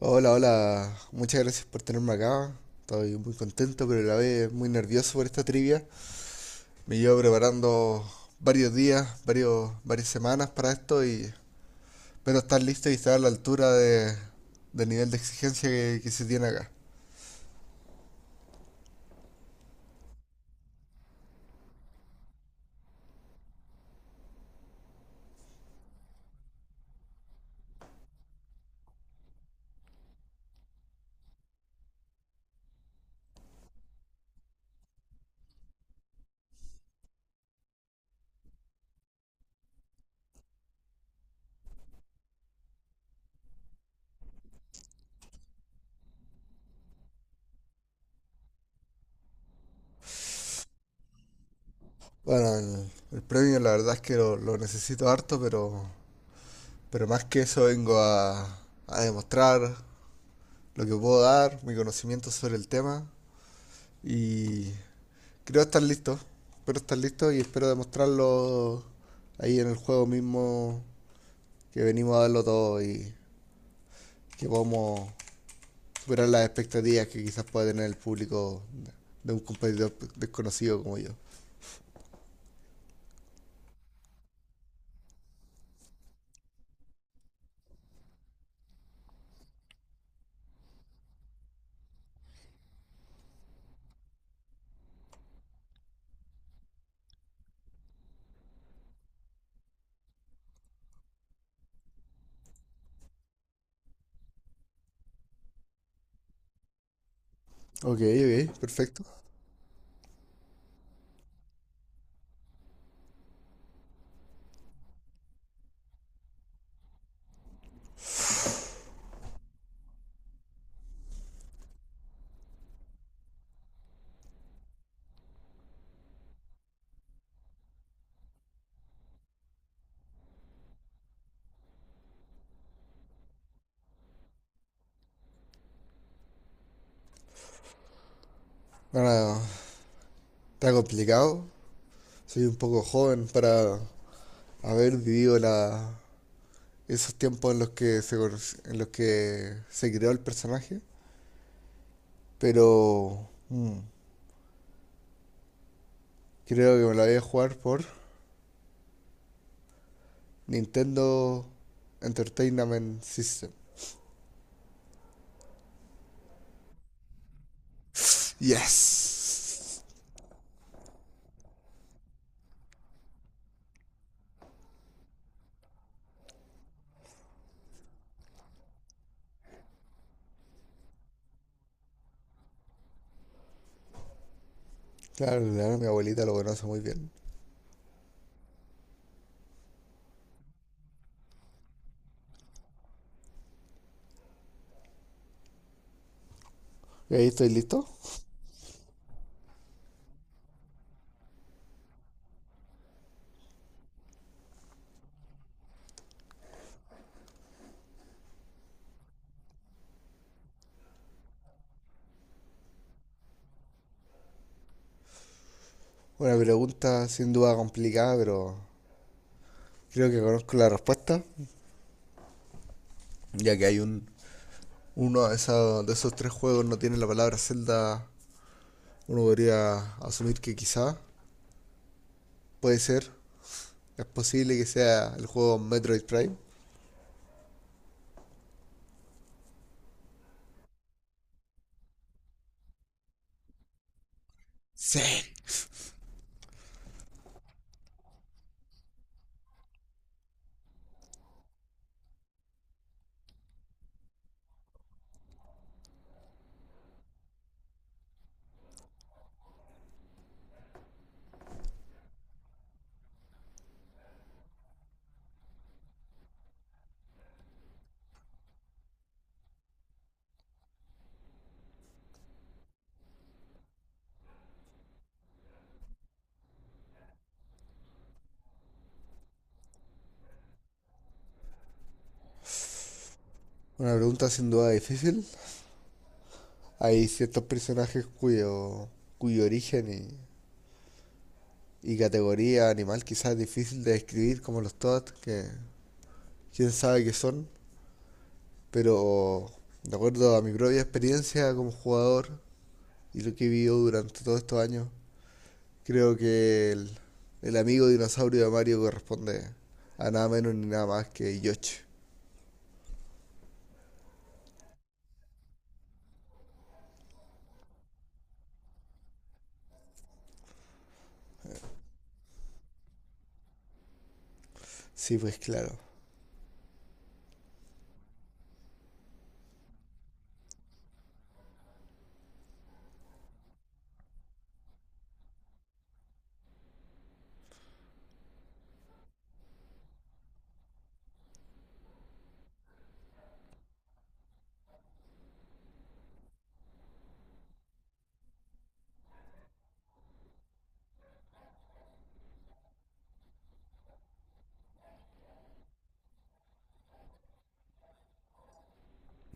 Hola, hola, muchas gracias por tenerme acá. Estoy muy contento, pero a la vez muy nervioso por esta trivia. Me llevo preparando varios días, varios, varias semanas para esto y espero estar listo y estar a la altura del nivel de exigencia que se tiene acá. Bueno, el premio la verdad es que lo necesito harto, pero más que eso vengo a demostrar lo que puedo dar, mi conocimiento sobre el tema y creo estar listo. Espero estar listo y espero demostrarlo ahí en el juego mismo, que venimos a darlo todo y que podamos superar las expectativas que quizás pueda tener el público de un competidor desconocido como yo. Ok, ok, perfecto. Bueno, está complicado. Soy un poco joven para haber vivido esos tiempos en los en los que se creó el personaje, pero creo que me lo voy a jugar por Nintendo Entertainment System. Yes. Claro, claro, mi abuelita lo conoce muy bien. ¿Y ahí estoy listo? Una pregunta sin duda complicada, pero creo que conozco la respuesta, ya que hay un uno de, de esos tres juegos no tiene la palabra Zelda. Uno podría asumir que quizá puede ser, es posible que sea el juego Metroid Prime. Sí. Una pregunta sin duda difícil. Hay ciertos personajes cuyo origen y categoría animal quizás difícil de describir como los TOAD, que quién sabe qué son, pero de acuerdo a mi propia experiencia como jugador y lo que he vivido durante todos estos años, creo que el amigo dinosaurio de Mario corresponde a nada menos ni nada más que Yoshi. Sí, pues claro.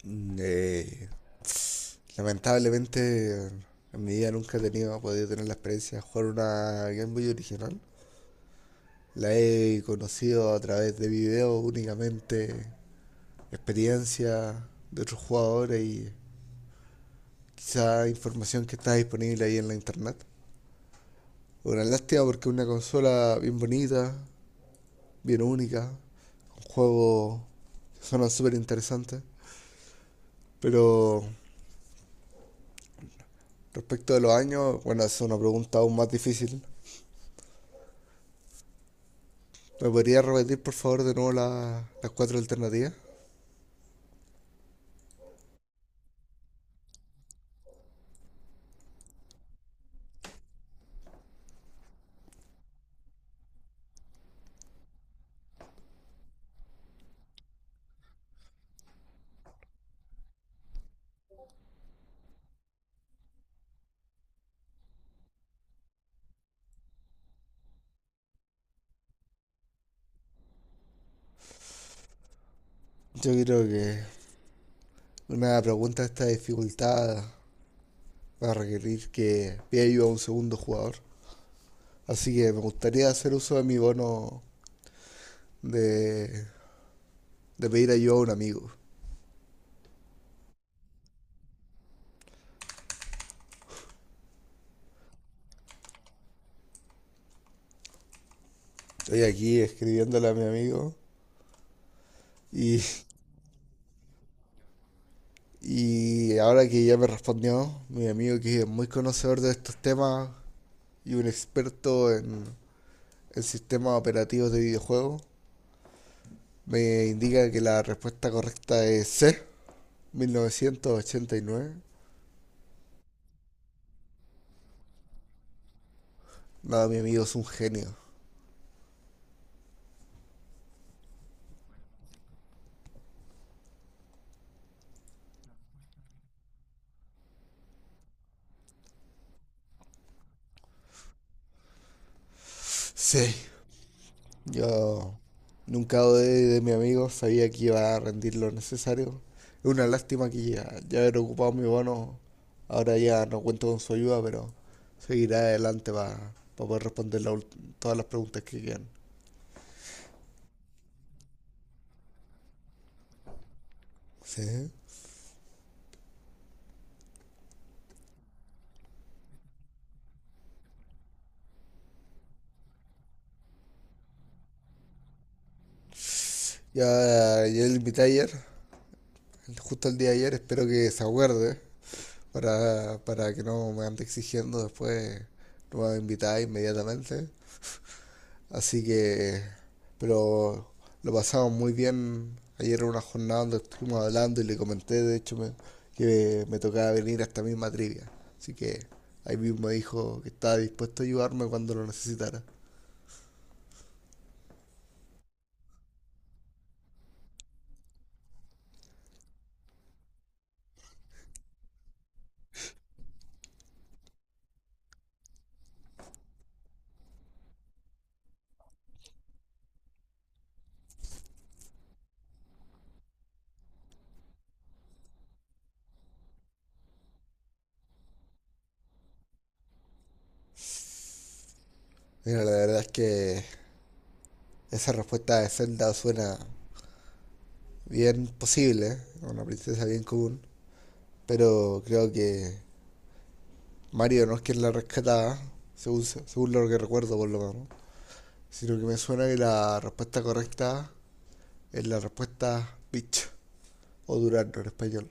Mm, Eh, lamentablemente en mi vida nunca he tenido, he podido tener la experiencia de jugar una Game Boy original. La he conocido a través de videos únicamente, experiencia de otros jugadores y quizá información que está disponible ahí en la internet. Una lástima porque es una consola bien bonita, bien única, con juegos que suenan súper interesantes. Pero respecto de los años, bueno, es una pregunta aún más difícil. ¿Me podría repetir por favor de nuevo las cuatro alternativas? Yo creo que una pregunta de esta dificultad va a requerir que pida ayuda a un segundo jugador. Así que me gustaría hacer uso de mi bono de, de pedir ayuda a un amigo. Estoy aquí escribiéndole a mi amigo y, y ahora que ya me respondió, mi amigo, que es muy conocedor de estos temas y un experto en sistemas operativos de videojuegos, me indica que la respuesta correcta es C, 1989. Nada, mi amigo es un genio. Sí. Yo nunca dudé de mi amigo, sabía que iba a rendir lo necesario. Es una lástima que ya haber ocupado mi bono, ahora ya no cuento con su ayuda, pero seguiré adelante para poder responder todas las preguntas que quedan. Sí. Ya, ya le invité ayer, justo el día de ayer, espero que se acuerde para que no me ande exigiendo después, no me va a invitar inmediatamente. Así que, pero lo pasamos muy bien. Ayer era una jornada donde estuvimos hablando y le comenté, de hecho, que me tocaba venir a esta misma trivia. Así que ahí mismo dijo que estaba dispuesto a ayudarme cuando lo necesitara. Mira, la verdad es que esa respuesta de Zelda suena bien posible, ¿eh? Una princesa bien común, pero creo que Mario no es quien la rescataba, según lo que recuerdo por lo menos, sino que me suena que la respuesta correcta es la respuesta bitch o durazno en español.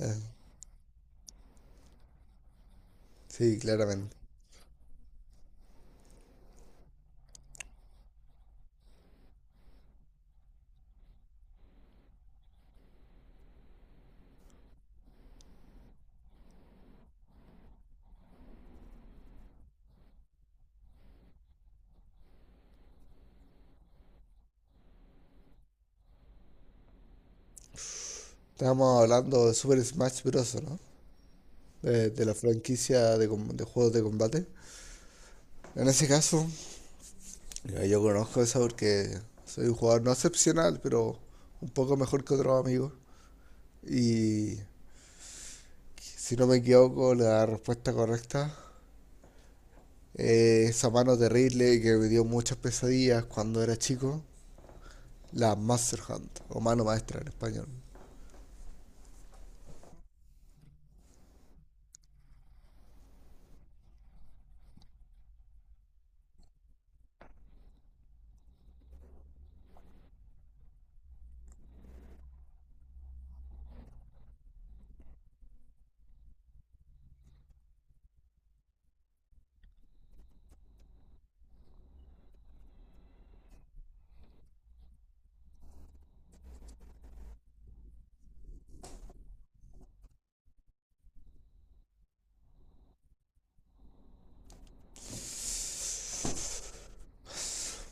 Eh, sí, claramente. Estábamos hablando de Super Smash Bros., ¿no? De la franquicia de, de juegos de combate. En ese caso, yo conozco eso porque soy un jugador no excepcional, pero un poco mejor que otros amigos. Y si no me equivoco, la respuesta correcta es esa mano terrible que me dio muchas pesadillas cuando era chico, la Master Hand, o mano maestra en español.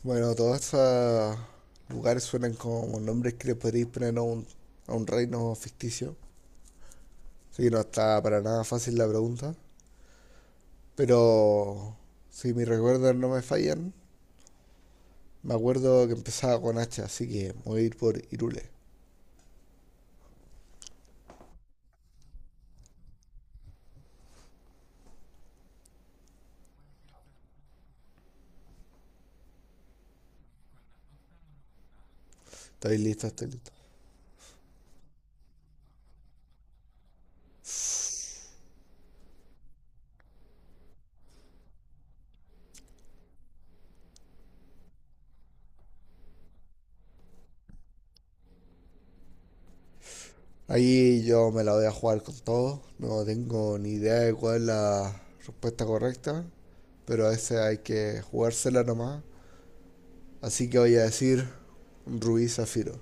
Bueno, todos estos lugares suenan como nombres que le podríais poner a a un reino ficticio. Así que no está para nada fácil la pregunta. Pero si mis recuerdos no me fallan, me acuerdo que empezaba con H, así que voy a ir por Irule. Estoy listo, estoy listo. Ahí yo me la voy a jugar con todo. No tengo ni idea de cuál es la respuesta correcta. Pero a veces hay que jugársela nomás. Así que voy a decir Rubí Zafiro.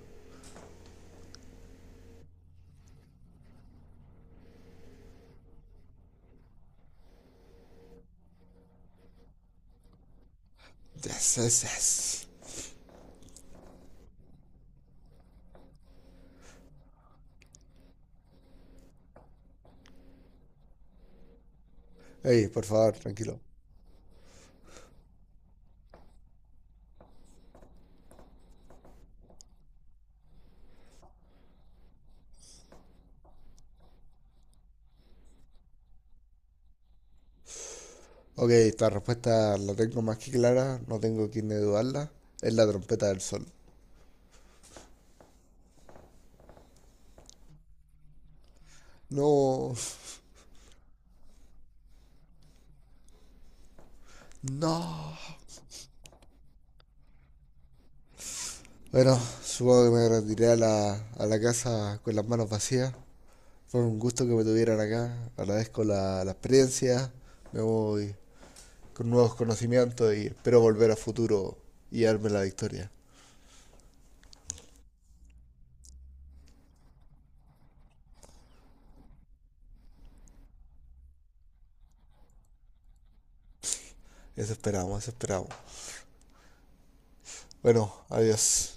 Yes, yes, yes. Ey, por favor, tranquilo. Ok, esta respuesta la tengo más que clara, no tengo quien dudarla. Es la trompeta del sol. No, no. Bueno, supongo que me retiré a a la casa con las manos vacías. Fue un gusto que me tuvieran acá. Agradezco la experiencia. Me voy con nuevos conocimientos y espero volver a futuro y darme la victoria. Eso esperamos, eso esperamos. Bueno, adiós.